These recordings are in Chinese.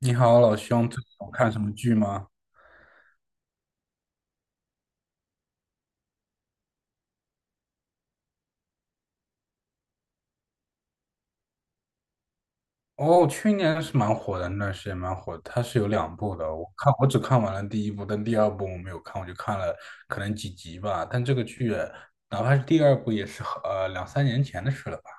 你好，老兄，最近有看什么剧吗？哦，去年是蛮火的，那段时间蛮火的。它是有两部的，我只看完了第一部，但第二部我没有看，我就看了可能几集吧。但这个剧，哪怕是第二部，也是两三年前的事了吧。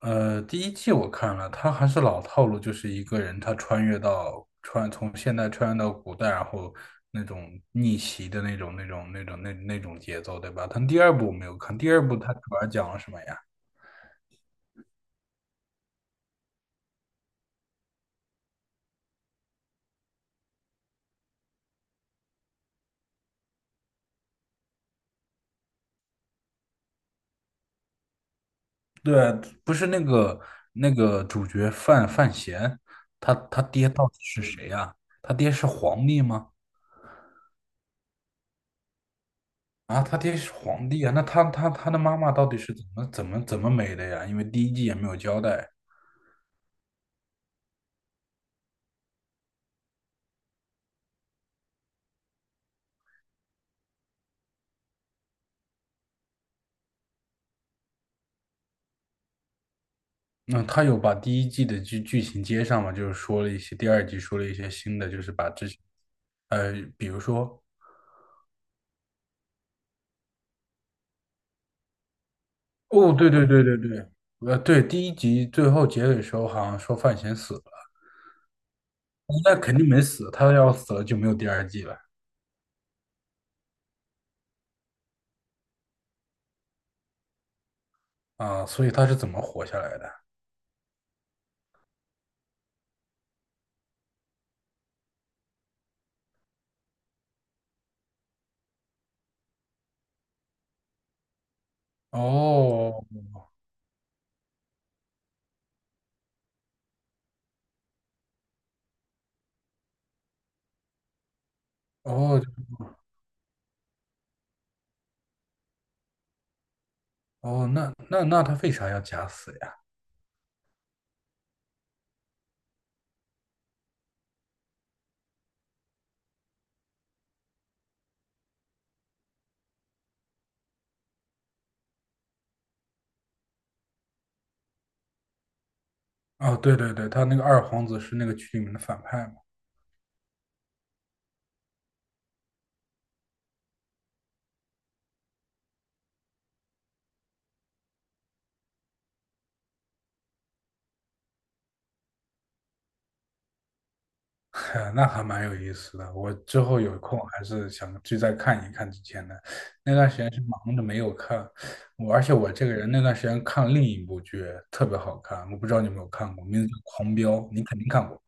第一季我看了，它还是老套路，就是一个人他穿越到穿从现代穿越到古代，然后那种逆袭的那种节奏，对吧？但第二部我没有看，第二部它主要讲了什么呀？对，不是那个那个主角范闲，他爹到底是谁呀、他爹是皇帝吗？啊，他爹是皇帝啊，那他他的妈妈到底是怎么没的呀？因为第一季也没有交代。那、他有把第一季的剧情接上吗？就是说了一些，第二季说了一些新的，就是把之前，比如说，哦，对，对，第一集最后结尾的时候好像说范闲死了，那肯定没死，他要死了就没有第二季了。啊，所以他是怎么活下来的？哦哦哦，那他为啥要假死呀？哦，对，他那个二皇子是那个剧里面的反派嘛。那还蛮有意思的。我之后有空还是想去再看一看之前的。那段时间是忙着没有看，而且我这个人那段时间看另一部剧特别好看，我不知道你有没有看过，名字叫《狂飙》，你肯定看过。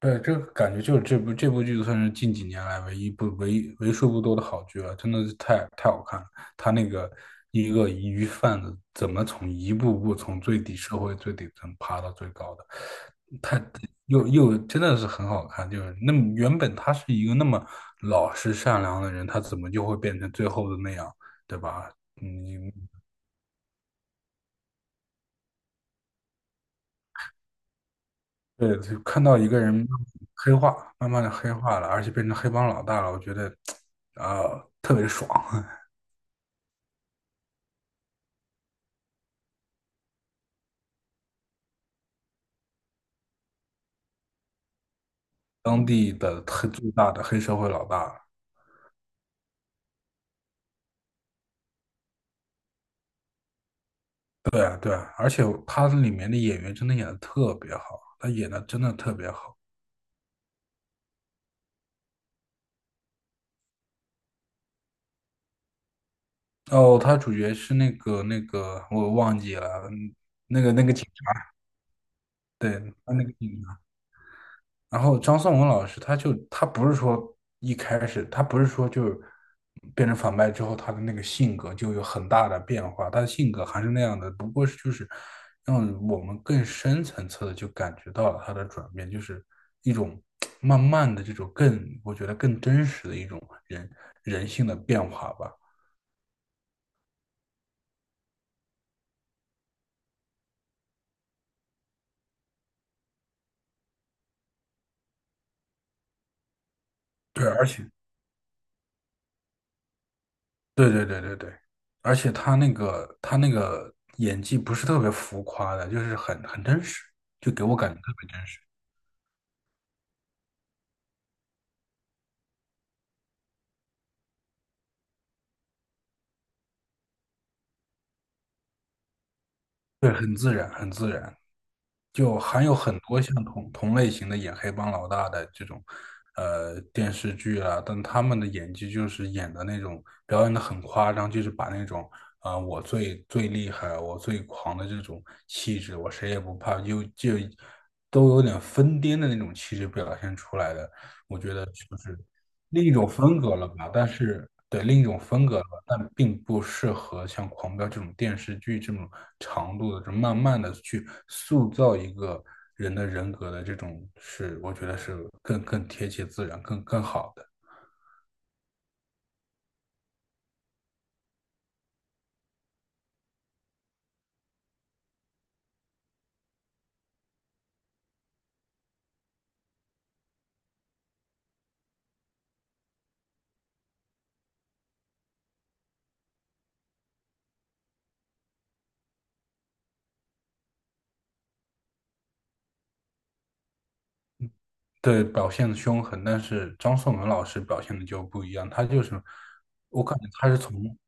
对，这个感觉就是这部剧算是近几年来唯一不唯一为数不多的好剧了，真的是太好看了。他那个一个鱼贩子怎么一步步从最底最底层爬到最高的，太真的是很好看。就是那么原本他是一个那么老实善良的人，他怎么就会变成最后的那样，对吧？你。对，就看到一个人慢慢的黑化了，而且变成黑帮老大了，我觉得，啊、特别爽。当地的最大的黑社会老大。对啊，对啊，而且他里面的演员真的演的特别好，他演的真的特别好。哦，他主角是那个，我忘记了。嗯那个警察，对，他那个警然后张颂文老师他就他不是说一开始他不是说就变成反派之后他的那个性格就有很大的变化，他的性格还是那样的，不过是就是让我们更深层次的就感觉到了他的转变，就是一种 慢慢的这种我觉得更真实的一种人人性的变化吧。对，而且对对对对对，而且他那个演技不是特别浮夸的，就是很真实，就给我感觉特别真实。对，很自然，很自然，就还有很多像同类型的演黑帮老大的这种电视剧啊，但他们的演技就是演的那种表演的很夸张，就是把那种我最厉害，我最狂的这种气质，我谁也不怕，就都有点疯癫的那种气质表现出来的，我觉得就是另一种风格了吧，但是对另一种风格了吧，但并不适合像《狂飙》这种电视剧这种长度的，这慢慢的去塑造一个人的人格的这种是，我觉得是更贴切自然、更好的。对，表现的凶狠，但是张颂文老师表现的就不一样，他就是我感觉他是从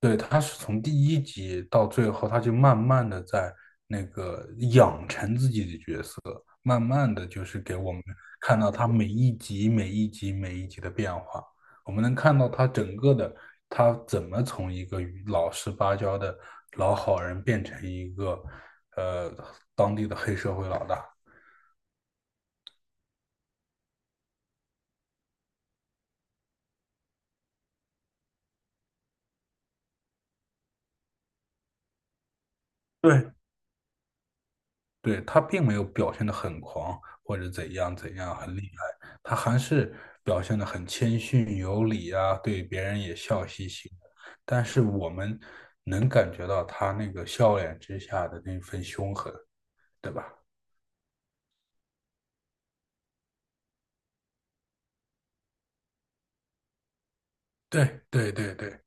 对，他是从第一集到最后，他就慢慢的在那个养成自己的角色，慢慢的就是给我们看到他每一集、每一集、每一集的变化。我们能看到他整个的，他怎么从一个老实巴交的老好人变成一个，呃，当地的黑社会老大。对，对，他并没有表现得很狂或者怎样很厉害，他还是表现得很谦逊有礼啊，对别人也笑嘻嘻的。但是我们能感觉到他那个笑脸之下的那份凶狠，对吧？对，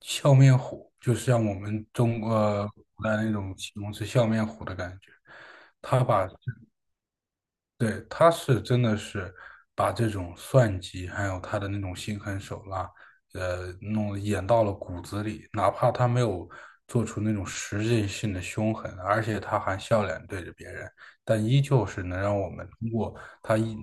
笑面虎就是像我们中国古代那种形容词笑面虎的感觉，他把对，他是真的是把这种算计，还有他的那种心狠手辣，演到了骨子里。哪怕他没有做出那种实质性的凶狠，而且他还笑脸对着别人，但依旧是能让我们通过他一，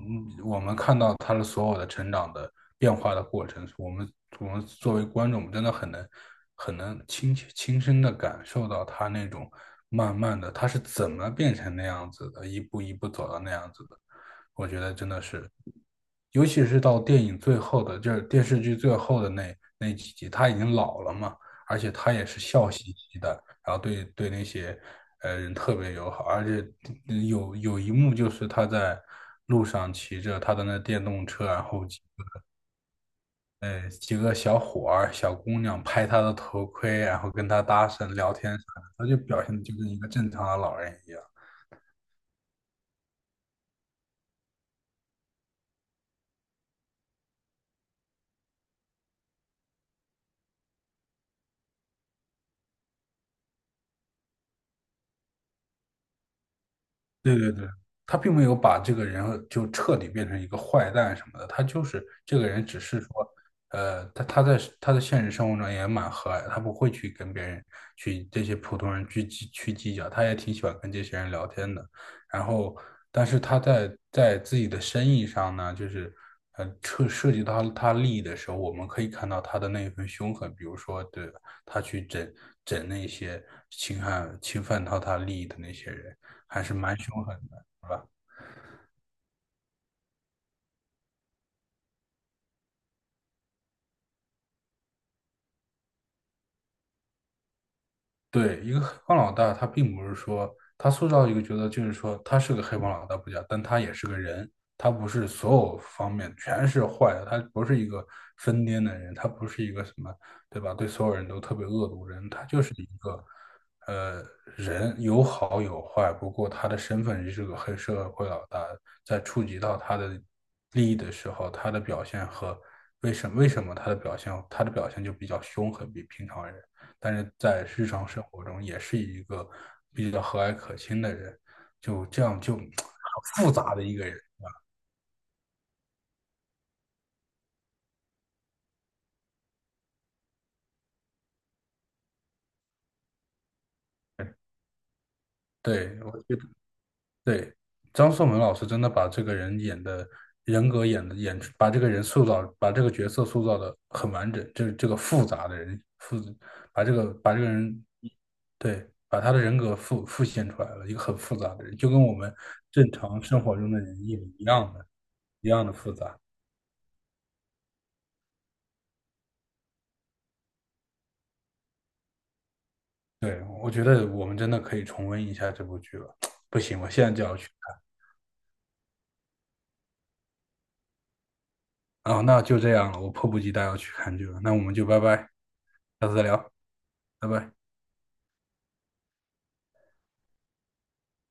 我们看到他的所有的成长的变化的过程。我们作为观众，真的很能亲身的感受到他那种慢慢的他是怎么变成那样子的，一步一步走到那样子的，我觉得真的是，尤其是到电影最后的，就是电视剧最后的那几集，他已经老了嘛，而且他也是笑嘻嘻的，然后对那些人特别友好，而且有一幕就是他在路上骑着他的那电动车，然后几个小伙儿、小姑娘拍他的头盔，然后跟他搭讪聊天啥的，他就表现的就跟一个正常的老人一样。对对对，他并没有把这个人就彻底变成一个坏蛋什么的，他就是这个人，只是说，他在他的现实生活中也蛮和蔼的，他不会去跟别人去这些普通人去计较，他也挺喜欢跟这些人聊天的。然后，但是他在自己的生意上呢，就是涉及到他利益的时候，我们可以看到他的那一份凶狠，比如说，对，他去整那些侵犯到他利益的那些人。还是蛮凶狠的，是吧？对，一个黑帮老大，他并不是说他塑造一个角色，就是说他是个黑帮老大不假，但他也是个人，他不是所有方面全是坏的，他不是一个疯癫的人，他不是一个什么，对吧？对所有人都特别恶毒的人，他就是一个呃人，有好有坏，不过他的身份是个黑社会老大，在触及到他的利益的时候，他的表现和为什为什么他的表现，就比较凶狠，比平常人。但是在日常生活中也是一个比较和蔼可亲的人，就这样就 很复杂的一个人。对，我觉得对，张颂文老师真的把这个人人格演出，把这个角色塑造的很完整，就是这个复杂的人复，把这个把这个人，对，把他的人格复现出来了，一个很复杂的人，就跟我们正常生活中的人一样的，一样的复杂。对，我觉得我们真的可以重温一下这部剧了。不行，我现在就要去看。啊，那就这样了，我迫不及待要去看剧了。那我们就拜拜，下次再聊，拜拜。